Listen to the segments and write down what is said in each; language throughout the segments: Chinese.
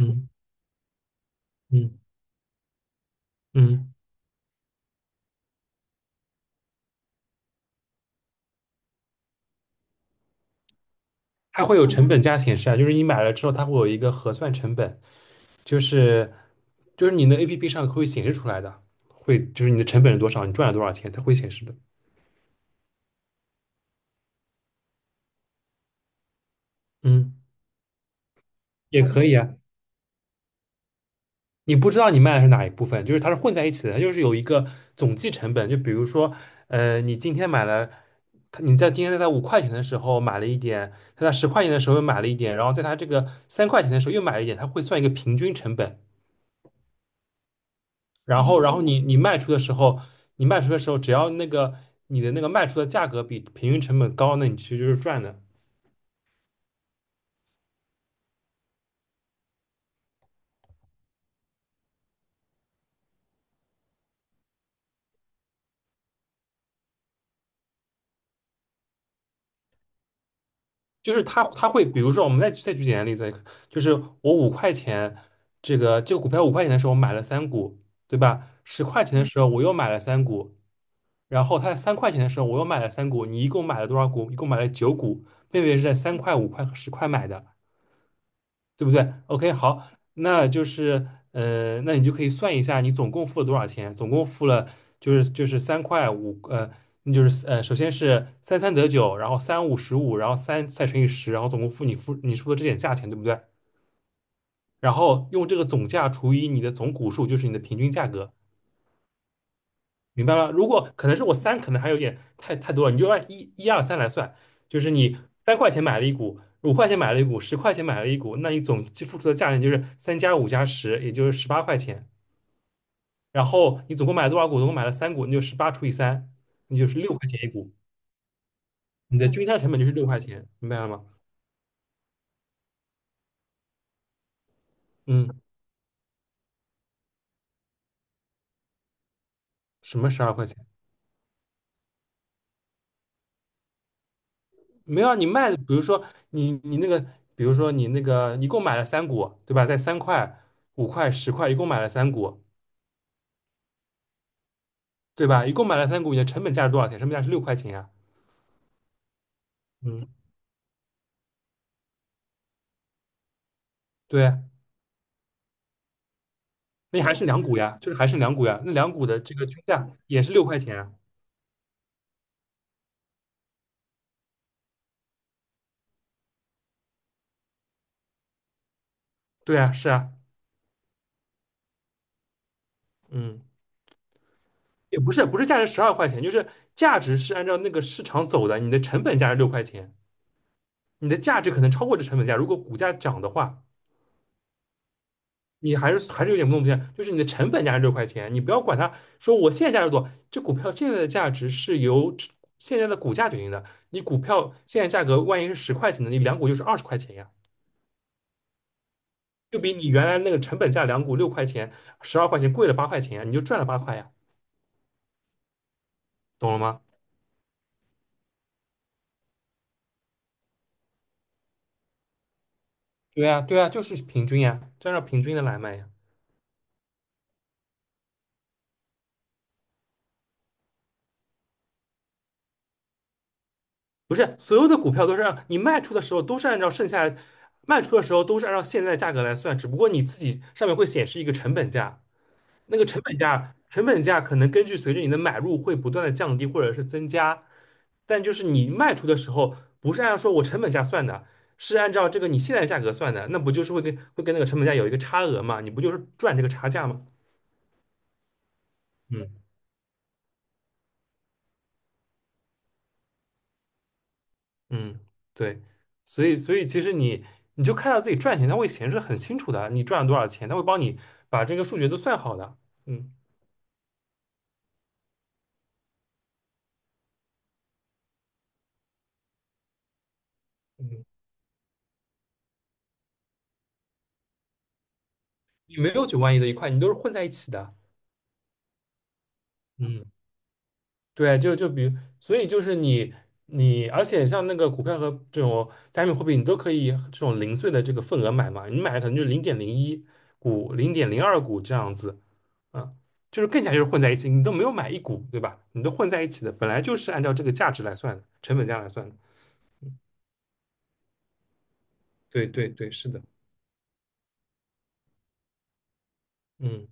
嗯嗯嗯，它会有成本价显示啊，就是你买了之后，它会有一个核算成本，就是就是你的 APP 上会显示出来的，会就是你的成本是多少，你赚了多少钱，它会显示的。嗯，也可以啊，你不知道你卖的是哪一部分，就是它是混在一起的，它就是有一个总计成本。就比如说，你今天买了，它你在今天在它五块钱的时候买了一点，它在十块钱的时候又买了一点，然后在它这个三块钱的时候又买了一点，它会算一个平均成本。然后，然后你卖出的时候，你卖出的时候，只要那个你的那个卖出的价格比平均成本高，那你其实就是赚的。就是它会，比如说我们再举简单例子，就是我五块钱这个股票五块钱的时候我买了三股，对吧？十块钱的时候我又买了三股，然后它在三块钱的时候我又买了三股，你一共买了多少股？一共买了九股，妹妹是在三块、五块和十块买的。对不对？OK，好，那就是那你就可以算一下你总共付了多少钱，总共付了就是就是三块五那就是首先是三三得九，然后三五十五，然后三再乘以十，然后总共付你付你付的这点价钱，对不对？然后用这个总价除以你的总股数，就是你的平均价格，明白吗？如果可能是我三，可能还有点太多了，你就按一、一二三来算，就是你三块钱买了一股，五块钱买了一股，十块钱买了一股，那你总计付出的价钱就是三加五加十，也就是十八块钱。然后你总共买了多少股？总共买了三股，你就十八除以三，你就是六块钱一股，你的均摊成本就是六块钱，明白了吗？嗯，什么十二块钱？没有啊，你卖的，比如说你那个，比如说你那个一共买了三股，对吧？在三块、五块、十块，一共买了三股。对吧？一共买了三股，你的成本价是多少钱？成本价是六块钱呀。嗯，对啊，那还是两股呀，就是还剩两股呀。那两股的这个均价也是六块钱啊。对啊，是啊，嗯，也不是，不是价值十二块钱，就是价值是按照那个市场走的，你的成本价是六块钱，你的价值可能超过这成本价。如果股价涨的话，你还是有点弄不清，就是你的成本价是六块钱，你不要管它，说我现在价值多少，这股票现在的价值是由这现在的股价决定的。你股票现在价格万一是十块钱的，你两股就是二十块钱呀。就比你原来那个成本价两股六块钱、十二块钱贵了八块钱呀，你就赚了八块呀，懂了吗？对呀，对呀，就是平均呀，就按照平均的来卖呀。不是所有的股票都是按你卖出的时候都是按照剩下卖出的时候都是按照现在价格来算，只不过你自己上面会显示一个成本价。那个成本价，成本价可能根据随着你的买入会不断的降低或者是增加，但就是你卖出的时候不是按照说我成本价算的，是按照这个你现在价格算的，那不就是会跟那个成本价有一个差额嘛？你不就是赚这个差价吗？嗯嗯，对，所以其实你你就看到自己赚钱，它会显示很清楚的，你赚了多少钱，它会帮你把这个数学都算好的。嗯嗯，你没有9.1万的一块，你都是混在一起的。嗯。对，就就比如，所以就是你，而且像那个股票和这种加密货币，你都可以这种零碎的这个份额买嘛，你买的可能就零点零一股、零点零二股这样子，啊，就是更加就是混在一起，你都没有买一股，对吧？你都混在一起的，本来就是按照这个价值来算的，成本价来算的。对对对，是的，嗯。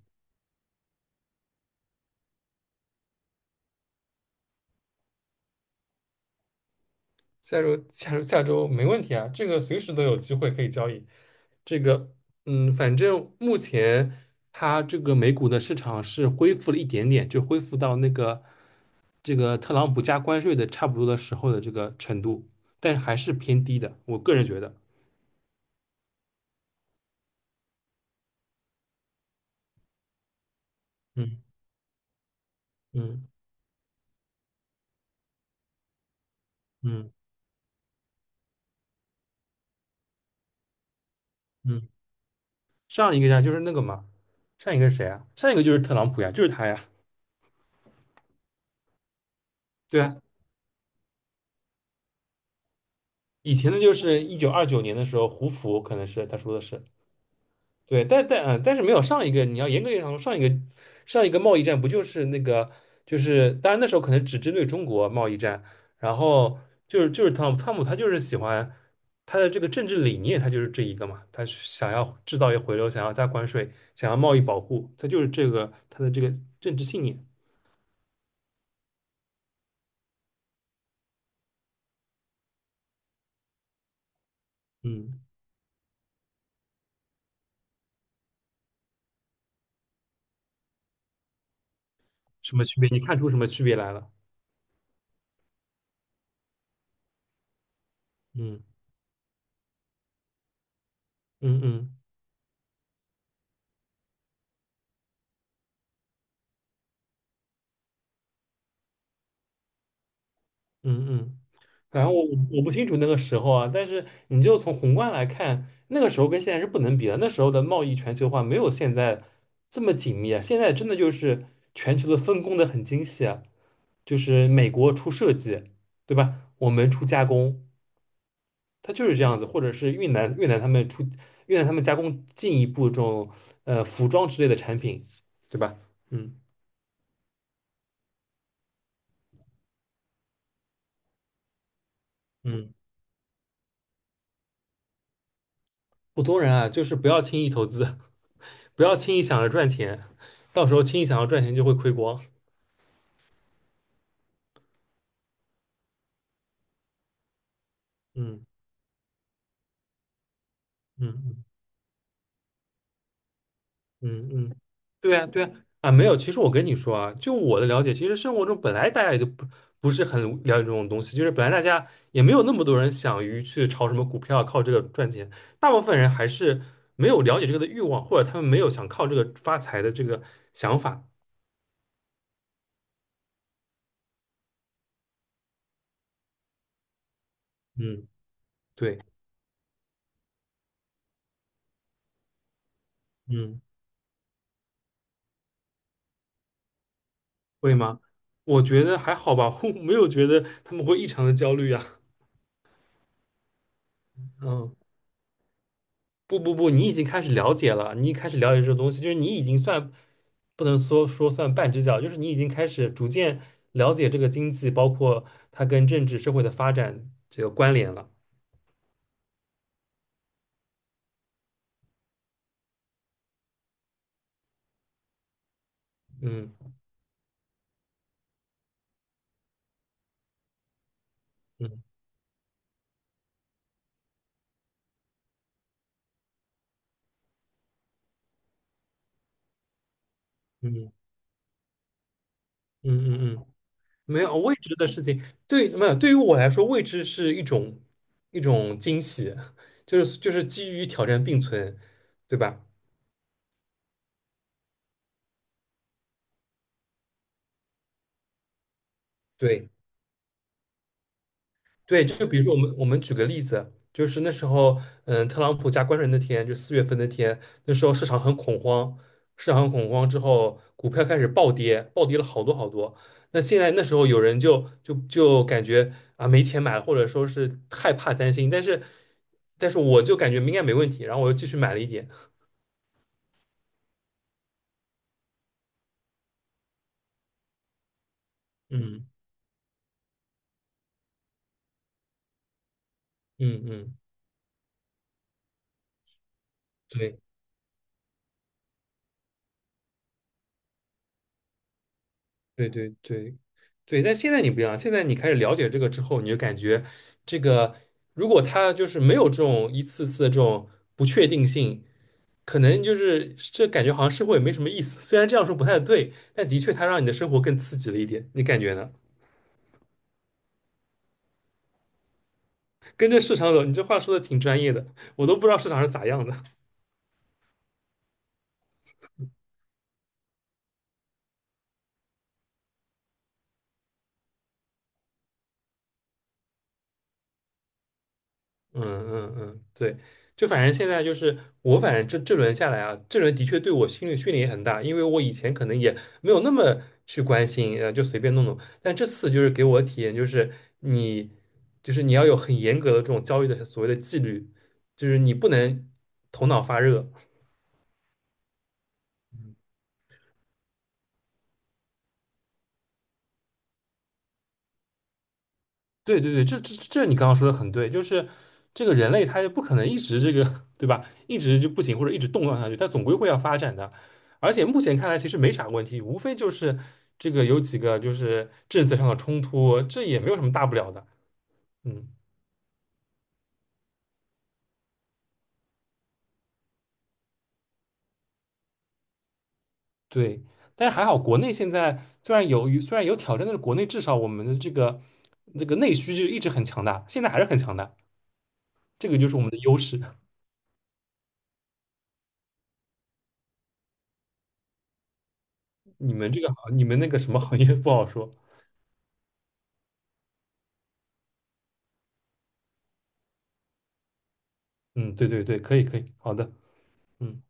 下周下周下周没问题啊，这个随时都有机会可以交易。这个嗯，反正目前它这个美股的市场是恢复了一点点，就恢复到那个这个特朗普加关税的差不多的时候的这个程度，但是还是偏低的，我个人觉得。嗯嗯嗯嗯，上一个呀就是那个嘛，上一个是谁啊？上一个就是特朗普呀，就是他呀。对啊，以前的就是1929年的时候，胡佛可能是他说的是。对，但是没有上一个，你要严格意义上说，上一个贸易战不就是那个，就是当然那时候可能只针对中国贸易战，然后就是就是汤姆他就是喜欢他的这个政治理念，他就是这一个嘛，他是想要制造业回流，想要加关税，想要贸易保护，他就是这个他的这个政治信念。嗯，什么区别？你看出什么区别来了？嗯嗯嗯嗯嗯。反正我我不清楚那个时候啊，但是你就从宏观来看，那个时候跟现在是不能比的。那时候的贸易全球化没有现在这么紧密啊，现在真的就是全球的分工的很精细啊，就是美国出设计，对吧？我们出加工，它就是这样子，或者是越南他们出越南他们加工进一步这种服装之类的产品，对吧？嗯，嗯，普通人啊，就是不要轻易投资，不要轻易想着赚钱，到时候轻易想要赚钱就会亏光。嗯嗯嗯嗯，嗯对呀对呀啊，没有。其实我跟你说啊，就我的了解，其实生活中本来大家也都不不是很了解这种东西，就是本来大家也没有那么多人想于去炒什么股票靠这个赚钱，大部分人还是没有了解这个的欲望，或者他们没有想靠这个发财的这个想法。嗯，对，嗯，会吗？我觉得还好吧，我没有觉得他们会异常的焦虑啊。嗯。不不不，你已经开始了解了，你开始了解这个东西，就是你已经算不能说算半只脚，就是你已经开始逐渐了解这个经济，包括它跟政治社会的发展这个关联了。嗯嗯嗯嗯嗯嗯，没有未知的事情，对，没有，对于我来说，未知是一种一种惊喜，就是就是基于挑战并存，对吧？对，对，就比如说我们举个例子，就是那时候，嗯，特朗普加关税那天，就四月份那天，那时候市场很恐慌，市场很恐慌之后，股票开始暴跌，暴跌了好多好多。那现在那时候有人就感觉啊没钱买了，或者说是害怕担心，但是但是我就感觉应该没问题，然后我又继续买了一点，嗯嗯嗯，对。对对对对，但现在你不一样，现在你开始了解这个之后，你就感觉这个如果他就是没有这种一次次的这种不确定性，可能就是这感觉好像生活也没什么意思。虽然这样说不太对，但的确它让你的生活更刺激了一点，你感觉呢？跟着市场走，你这话说的挺专业的，我都不知道市场是咋样的。嗯嗯嗯，对，就反正现在就是我，反正这轮下来啊，这轮的确对我心理训练也很大，因为我以前可能也没有那么去关心，就随便弄弄。但这次就是给我的体验就是你，就是你要有很严格的这种交易的所谓的纪律，就是你不能头脑发热。对对对，这你刚刚说的很对，就是这个人类他就不可能一直这个，对吧？一直就不行或者一直动荡下去，他总归会要发展的。而且目前看来其实没啥问题，无非就是这个有几个就是政策上的冲突，这也没有什么大不了的。嗯，对。但是还好，国内现在虽然有挑战，但是国内至少我们的这个内需就一直很强大，现在还是很强大，这个就是我们的优势。你们这个行你们那个什么行业不好说。嗯，对对对，可以可以，好的。嗯。